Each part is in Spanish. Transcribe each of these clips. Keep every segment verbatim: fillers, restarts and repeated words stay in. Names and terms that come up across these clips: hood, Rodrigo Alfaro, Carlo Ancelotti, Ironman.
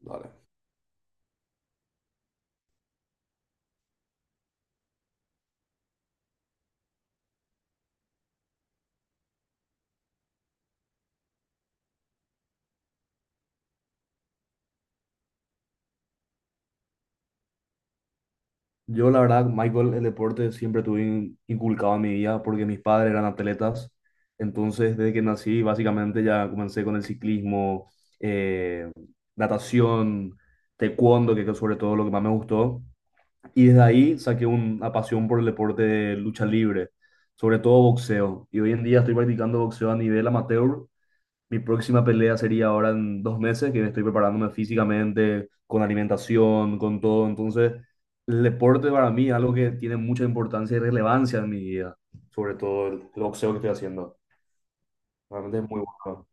Dale. Yo, la verdad, Michael, el deporte siempre tuve in- inculcado en mi vida porque mis padres eran atletas. Entonces, desde que nací, básicamente ya comencé con el ciclismo, eh, natación, taekwondo, que es sobre todo lo que más me gustó. Y desde ahí saqué una pasión por el deporte de lucha libre, sobre todo boxeo. Y hoy en día estoy practicando boxeo a nivel amateur. Mi próxima pelea sería ahora en dos meses, que estoy preparándome físicamente, con alimentación, con todo. Entonces, el deporte para mí es algo que tiene mucha importancia y relevancia en mi vida, sobre todo el, el boxeo que estoy haciendo. Realmente es muy bueno.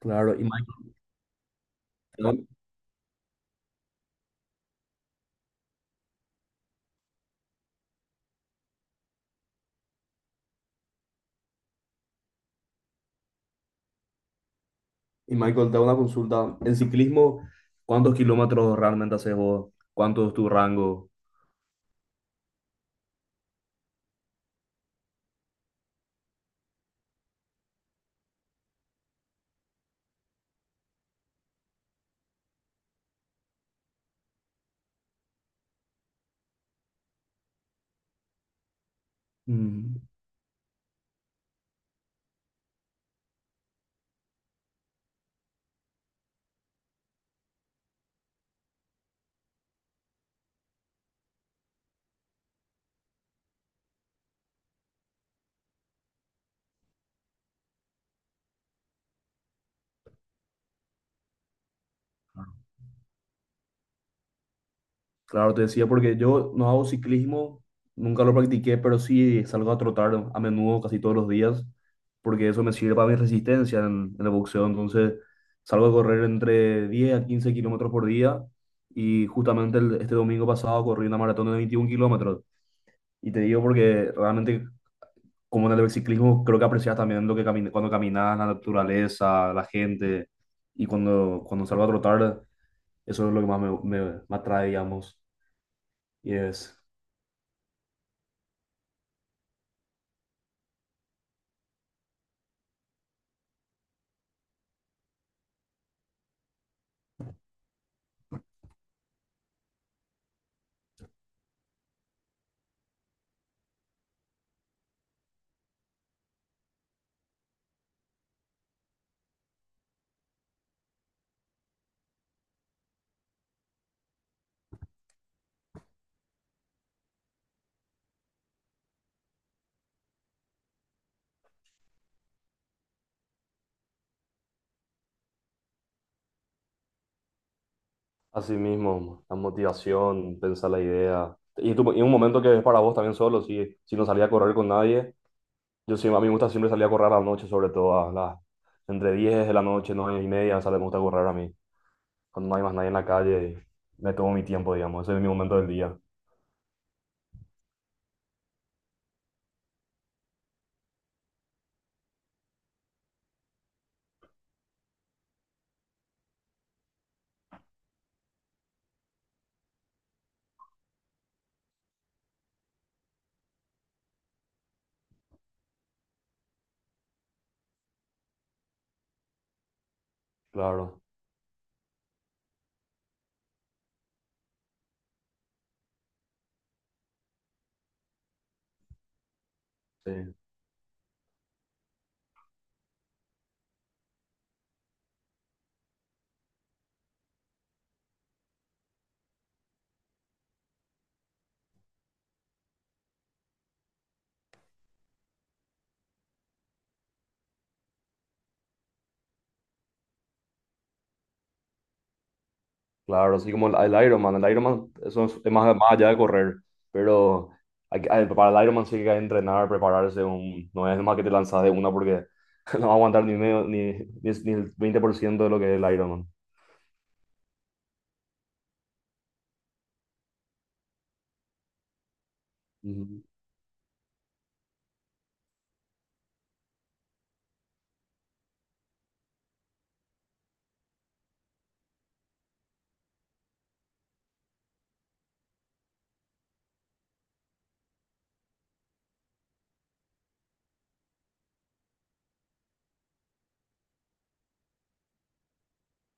Claro, y Michael, te hago- y Michael, te hago una consulta. En ciclismo, ¿cuántos kilómetros realmente haces vos? ¿Cuánto es tu rango? Mm. Claro, te decía, porque yo no hago ciclismo, nunca lo practiqué, pero sí salgo a trotar a menudo, casi todos los días, porque eso me sirve para mi resistencia en, en el boxeo. Entonces, salgo a correr entre diez a quince kilómetros por día y justamente el- este domingo pasado corrí una maratón de veintiún kilómetros. Y te digo porque realmente, como en el ciclismo, creo que aprecias también lo que camina, cuando caminas, la naturaleza, la gente, y cuando, cuando salgo a trotar, eso es lo que más me, me, me atrae, digamos, y es. Así mismo, la motivación, pensar la idea. Y, tu- y un momento que es para vos también solo, si, si no salía a correr con nadie. Yo sí, a mí me gusta siempre salir a correr a la noche, sobre todo a las, entre diez de la noche, nueve y media, sale, me gusta correr a mí. Cuando no hay más nadie en la calle, y me tomo mi tiempo, digamos. Ese es mi momento del día. Claro, sí. Claro, así como el, el Ironman. El Ironman eso es, es más, más allá de correr. Pero hay que- hay- para el Ironman sí que hay que entrenar, prepararse. Un, no es más que te lanzas de una porque no va a aguantar ni, medio, ni, ni, ni el veinte por ciento de lo que es el Ironman. Ujú.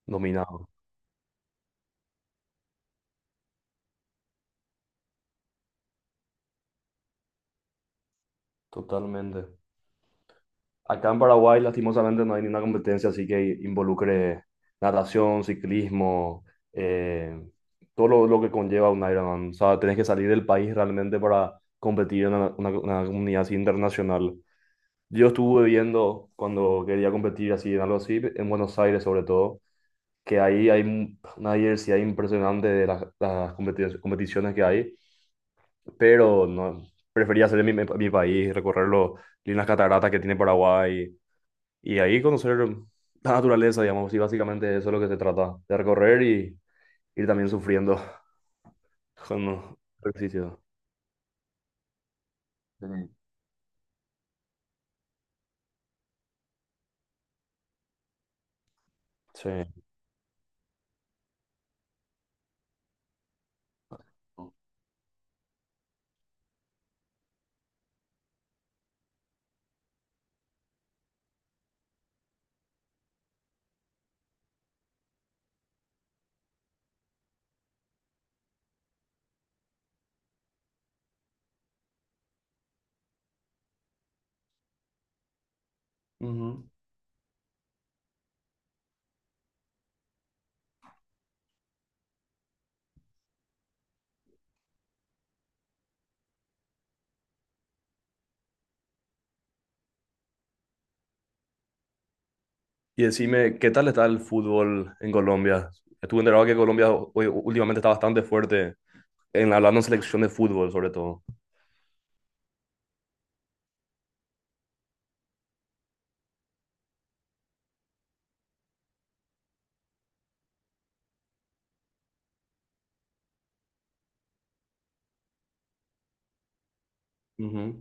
Dominado. Totalmente. Acá en Paraguay, lastimosamente, no hay ninguna competencia así que involucre natación, ciclismo, eh, todo lo, lo que conlleva un Ironman. O sea, tenés que salir del país realmente para competir en una, una- una comunidad así internacional. Yo estuve viendo cuando quería competir así en algo así, en Buenos Aires sobre todo, que ahí hay un- una diversidad impresionante de las, las competi- competiciones que hay, pero no, prefería hacer en mi, mi país, recorrer los, las cataratas que tiene Paraguay y ahí conocer la naturaleza, digamos, y básicamente eso es lo que se trata, de recorrer y ir también sufriendo con ejercicio. Mm. Sí. Ujú. Y decime, ¿qué tal está el fútbol en Colombia? Estuve enterado que Colombia hoy- últimamente está bastante fuerte en hablando en selección de fútbol, sobre todo. Ujú,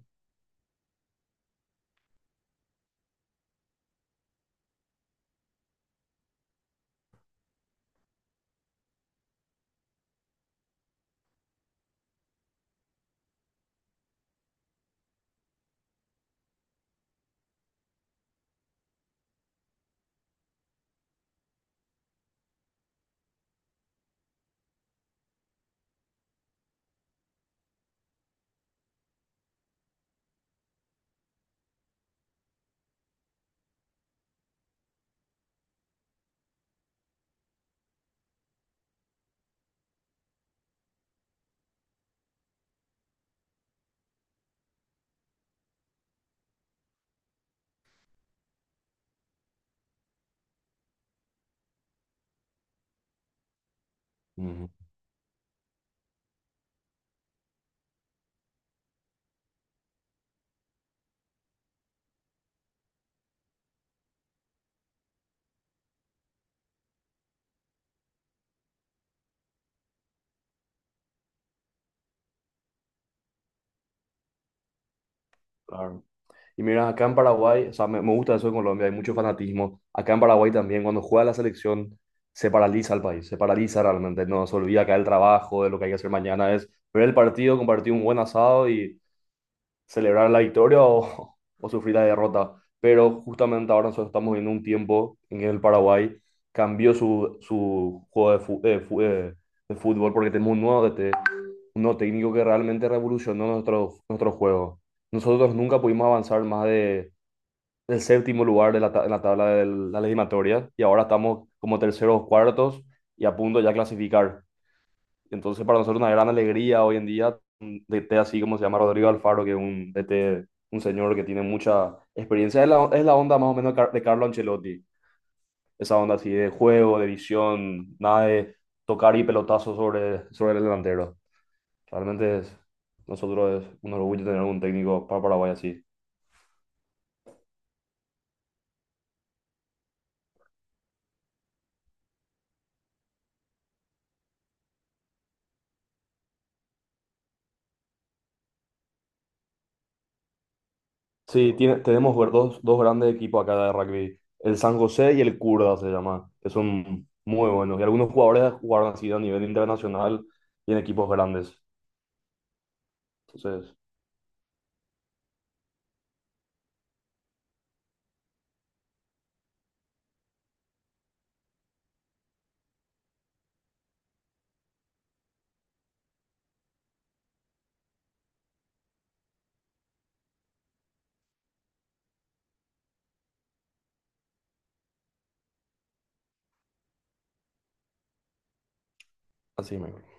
ujú, claro. Y mira, acá en Paraguay, o sea, me, me gusta eso en Colombia, hay mucho fanatismo. Acá en Paraguay también, cuando juega la selección, se paraliza el país, se paraliza realmente. No se olvida acá el trabajo, de lo que hay que hacer mañana, es ver el partido, compartir un buen asado y celebrar la victoria o, o sufrir la derrota. Pero justamente ahora nosotros estamos viendo un tiempo en que el Paraguay cambió su, su juego de, fu- eh, fu- eh, de fútbol porque tenemos un nuevo D T, un nuevo técnico que realmente revolucionó nuestro, nuestro juego. Nosotros nunca pudimos avanzar más de, del séptimo lugar de la, ta- en la tabla de la legislatoria y ahora estamos como terceros o cuartos y a punto ya clasificar. Entonces, para nosotros una gran alegría hoy en día, un D T así como se llama Rodrigo Alfaro, que es un D T, un señor que tiene mucha experiencia. Es la, es la onda más o menos de Car- de Carlo Ancelotti, esa onda así de juego, de visión, nada de tocar y pelotazo sobre, sobre el delantero. Realmente es, nosotros es un orgullo tener un técnico para Paraguay así. Sí, tiene- tenemos ver- dos, dos grandes equipos acá de rugby, el San José y el Curda se llama, que son muy buenos. Y algunos jugadores jugaron así a nivel internacional y en equipos grandes. Entonces, así mismo.